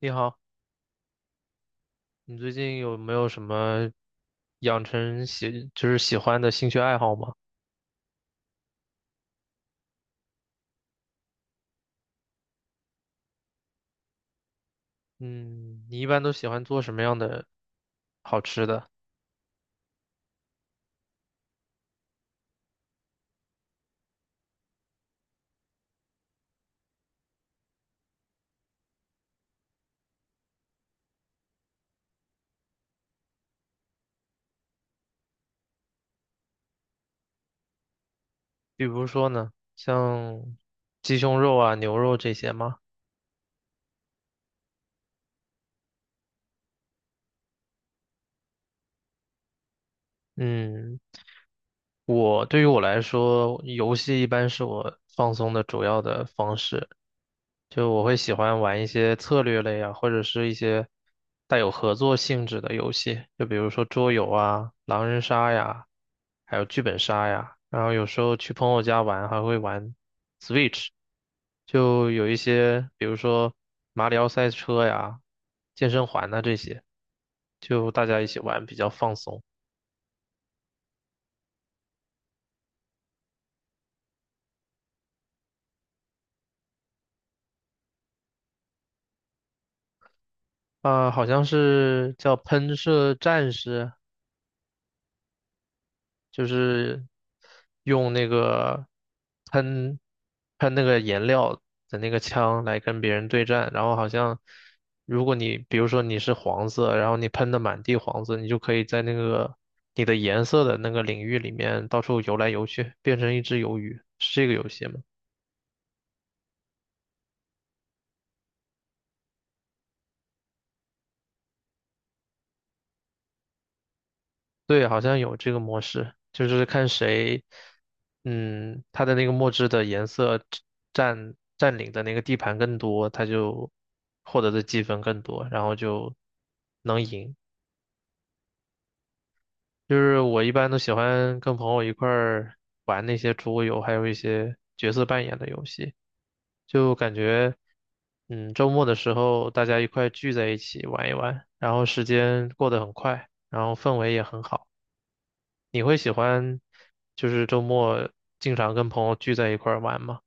你好，你最近有没有什么养成喜，喜欢的兴趣爱好吗？嗯，你一般都喜欢做什么样的好吃的？比如说呢，像鸡胸肉啊、牛肉这些吗？嗯，我对于我来说，游戏一般是我放松的主要的方式。就我会喜欢玩一些策略类啊，或者是一些带有合作性质的游戏，就比如说桌游啊、狼人杀呀，还有剧本杀呀。然后有时候去朋友家玩，还会玩 Switch，就有一些，比如说马里奥赛车呀、健身环呐、这些，就大家一起玩比较放松。啊、好像是叫喷射战士。就是用那个喷喷那个颜料的那个枪来跟别人对战，然后好像如果你比如说你是黄色，然后你喷的满地黄色，你就可以在那个你的颜色的那个领域里面到处游来游去，变成一只鱿鱼，是这个游戏吗？对，好像有这个模式，就是看谁，嗯，他的那个墨汁的颜色占领的那个地盘更多，他就获得的积分更多，然后就能赢。就是我一般都喜欢跟朋友一块儿玩那些桌游，还有一些角色扮演的游戏，就感觉，嗯，周末的时候大家一块聚在一起玩一玩，然后时间过得很快，然后氛围也很好。你会喜欢就是周末经常跟朋友聚在一块儿玩吗？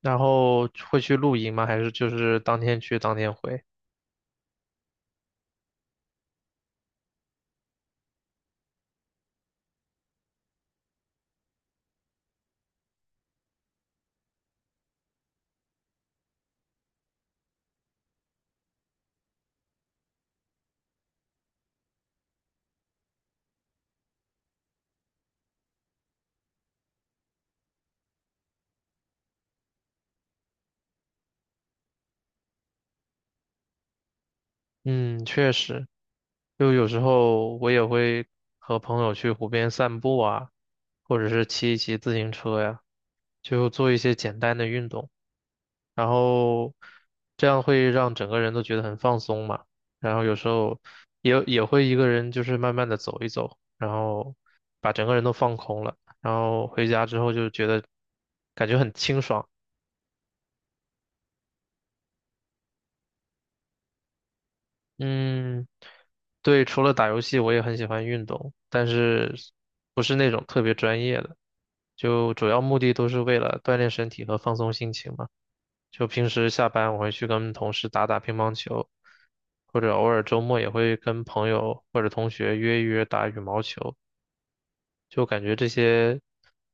然后会去露营吗？还是就是当天去当天回？嗯，确实，就有时候我也会和朋友去湖边散步啊，或者是骑一骑自行车呀，就做一些简单的运动。然后这样会让整个人都觉得很放松嘛。然后有时候也会一个人就是慢慢的走一走，然后把整个人都放空了，然后回家之后就觉得感觉很清爽。嗯，对，除了打游戏，我也很喜欢运动，但是不是那种特别专业的，就主要目的都是为了锻炼身体和放松心情嘛。就平时下班我会去跟同事打打乒乓球，或者偶尔周末也会跟朋友或者同学约一约打羽毛球。就感觉这些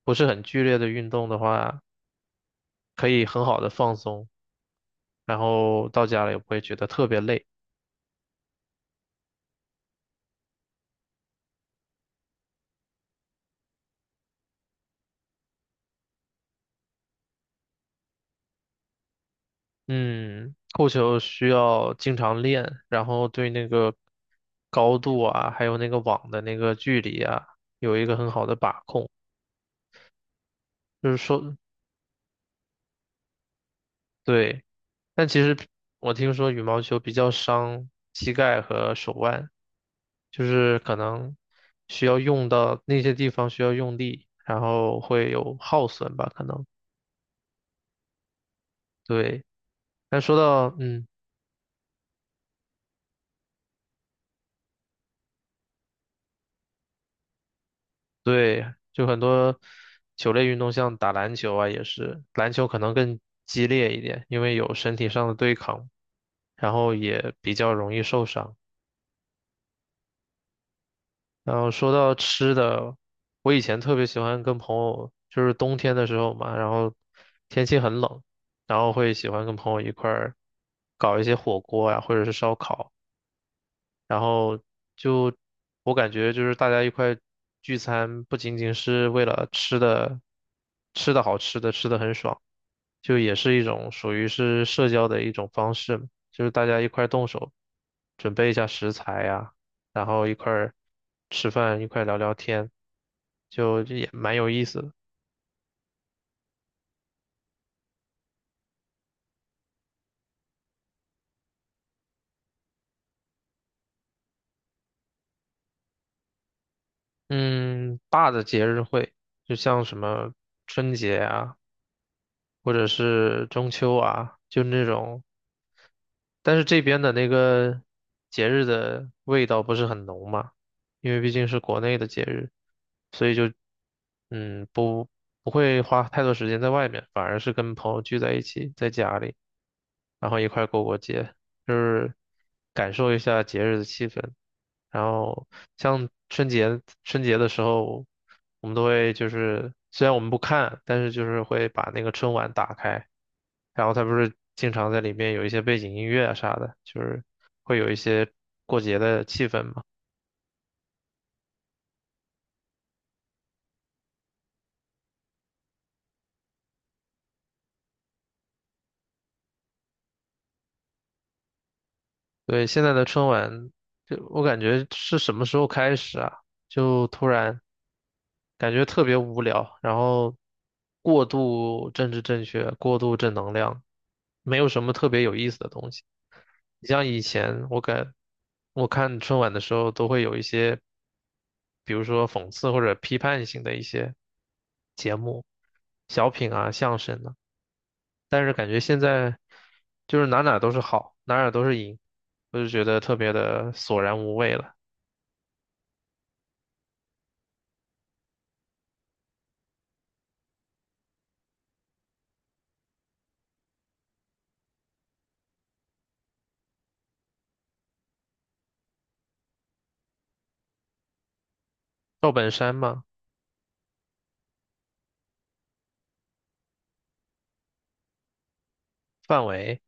不是很剧烈的运动的话，可以很好的放松，然后到家了也不会觉得特别累。嗯，扣球需要经常练，然后对那个高度啊，还有那个网的那个距离啊，有一个很好的把控。就是说，对。但其实我听说羽毛球比较伤膝盖和手腕，就是可能需要用到那些地方需要用力，然后会有耗损吧，可能。对，但说到对，就很多球类运动，像打篮球啊，也是篮球可能更激烈一点，因为有身体上的对抗，然后也比较容易受伤。然后说到吃的，我以前特别喜欢跟朋友，就是冬天的时候嘛，然后天气很冷，然后会喜欢跟朋友一块儿搞一些火锅呀、或者是烧烤，然后就我感觉就是大家一块聚餐，不仅仅是为了吃的，吃的好吃的，吃的很爽。就也是一种属于是社交的一种方式嘛就是大家一块儿动手，准备一下食材呀，然后一块儿吃饭，一块儿聊聊天，就这也蛮有意思的。嗯，大的节日会，就像什么春节啊，或者是中秋啊，就那种但是这边的那个节日的味道不是很浓嘛，因为毕竟是国内的节日，所以就嗯不不会花太多时间在外面，反而是跟朋友聚在一起，在家里。然后一块儿过过节，就是感受一下节日的气氛。然后像春节的时候，我们都会就是虽然我们不看，但是就是会把那个春晚打开，然后它不是经常在里面有一些背景音乐啊啥的，就是会有一些过节的气氛嘛。对，现在的春晚，就我感觉是什么时候开始啊？就突然。感觉特别无聊，然后过度政治正确，过度正能量，没有什么特别有意思的东西。你像以前我看春晚的时候，都会有一些，比如说讽刺或者批判性的一些节目、小品啊、相声啊，但是感觉现在就是哪哪都是好，哪哪都是赢，我就觉得特别的索然无味了。赵本山嘛，范伟，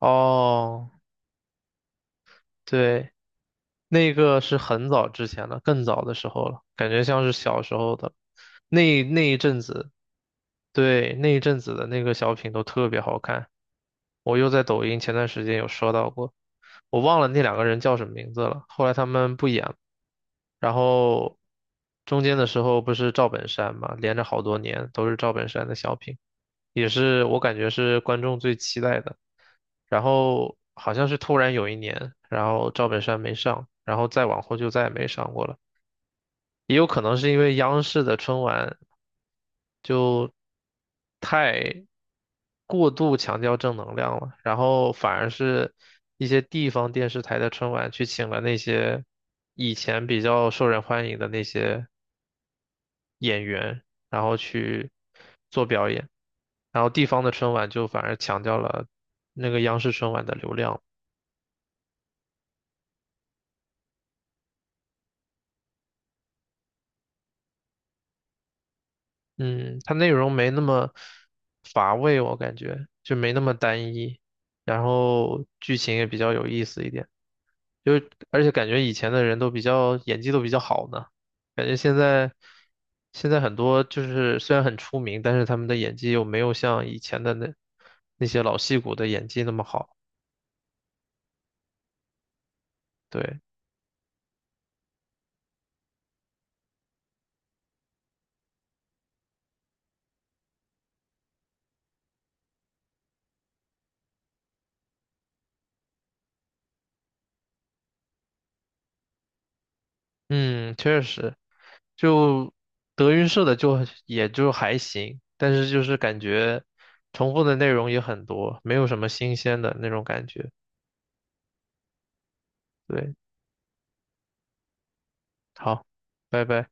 哦。对，那个是很早之前了，更早的时候了，感觉像是小时候的，那一阵子，对，那一阵子的那个小品都特别好看，我又在抖音前段时间有刷到过，我忘了那两个人叫什么名字了，后来他们不演了，然后中间的时候不是赵本山嘛，连着好多年都是赵本山的小品，也是我感觉是观众最期待的。然后好像是突然有一年，然后赵本山没上，然后再往后就再也没上过了。也有可能是因为央视的春晚就太过度强调正能量了，然后反而是一些地方电视台的春晚去请了那些以前比较受人欢迎的那些演员，然后去做表演，然后地方的春晚就反而强调了那个央视春晚的流量。嗯，它内容没那么乏味，我感觉就没那么单一，然后剧情也比较有意思一点，就是而且感觉以前的人都比较演技都比较好呢，感觉现在很多就是虽然很出名，但是他们的演技又没有像以前的那些老戏骨的演技那么好，对，嗯，确实。就德云社的就也就还行，但是就是感觉重复的内容也很多，没有什么新鲜的那种感觉。对，好，拜拜。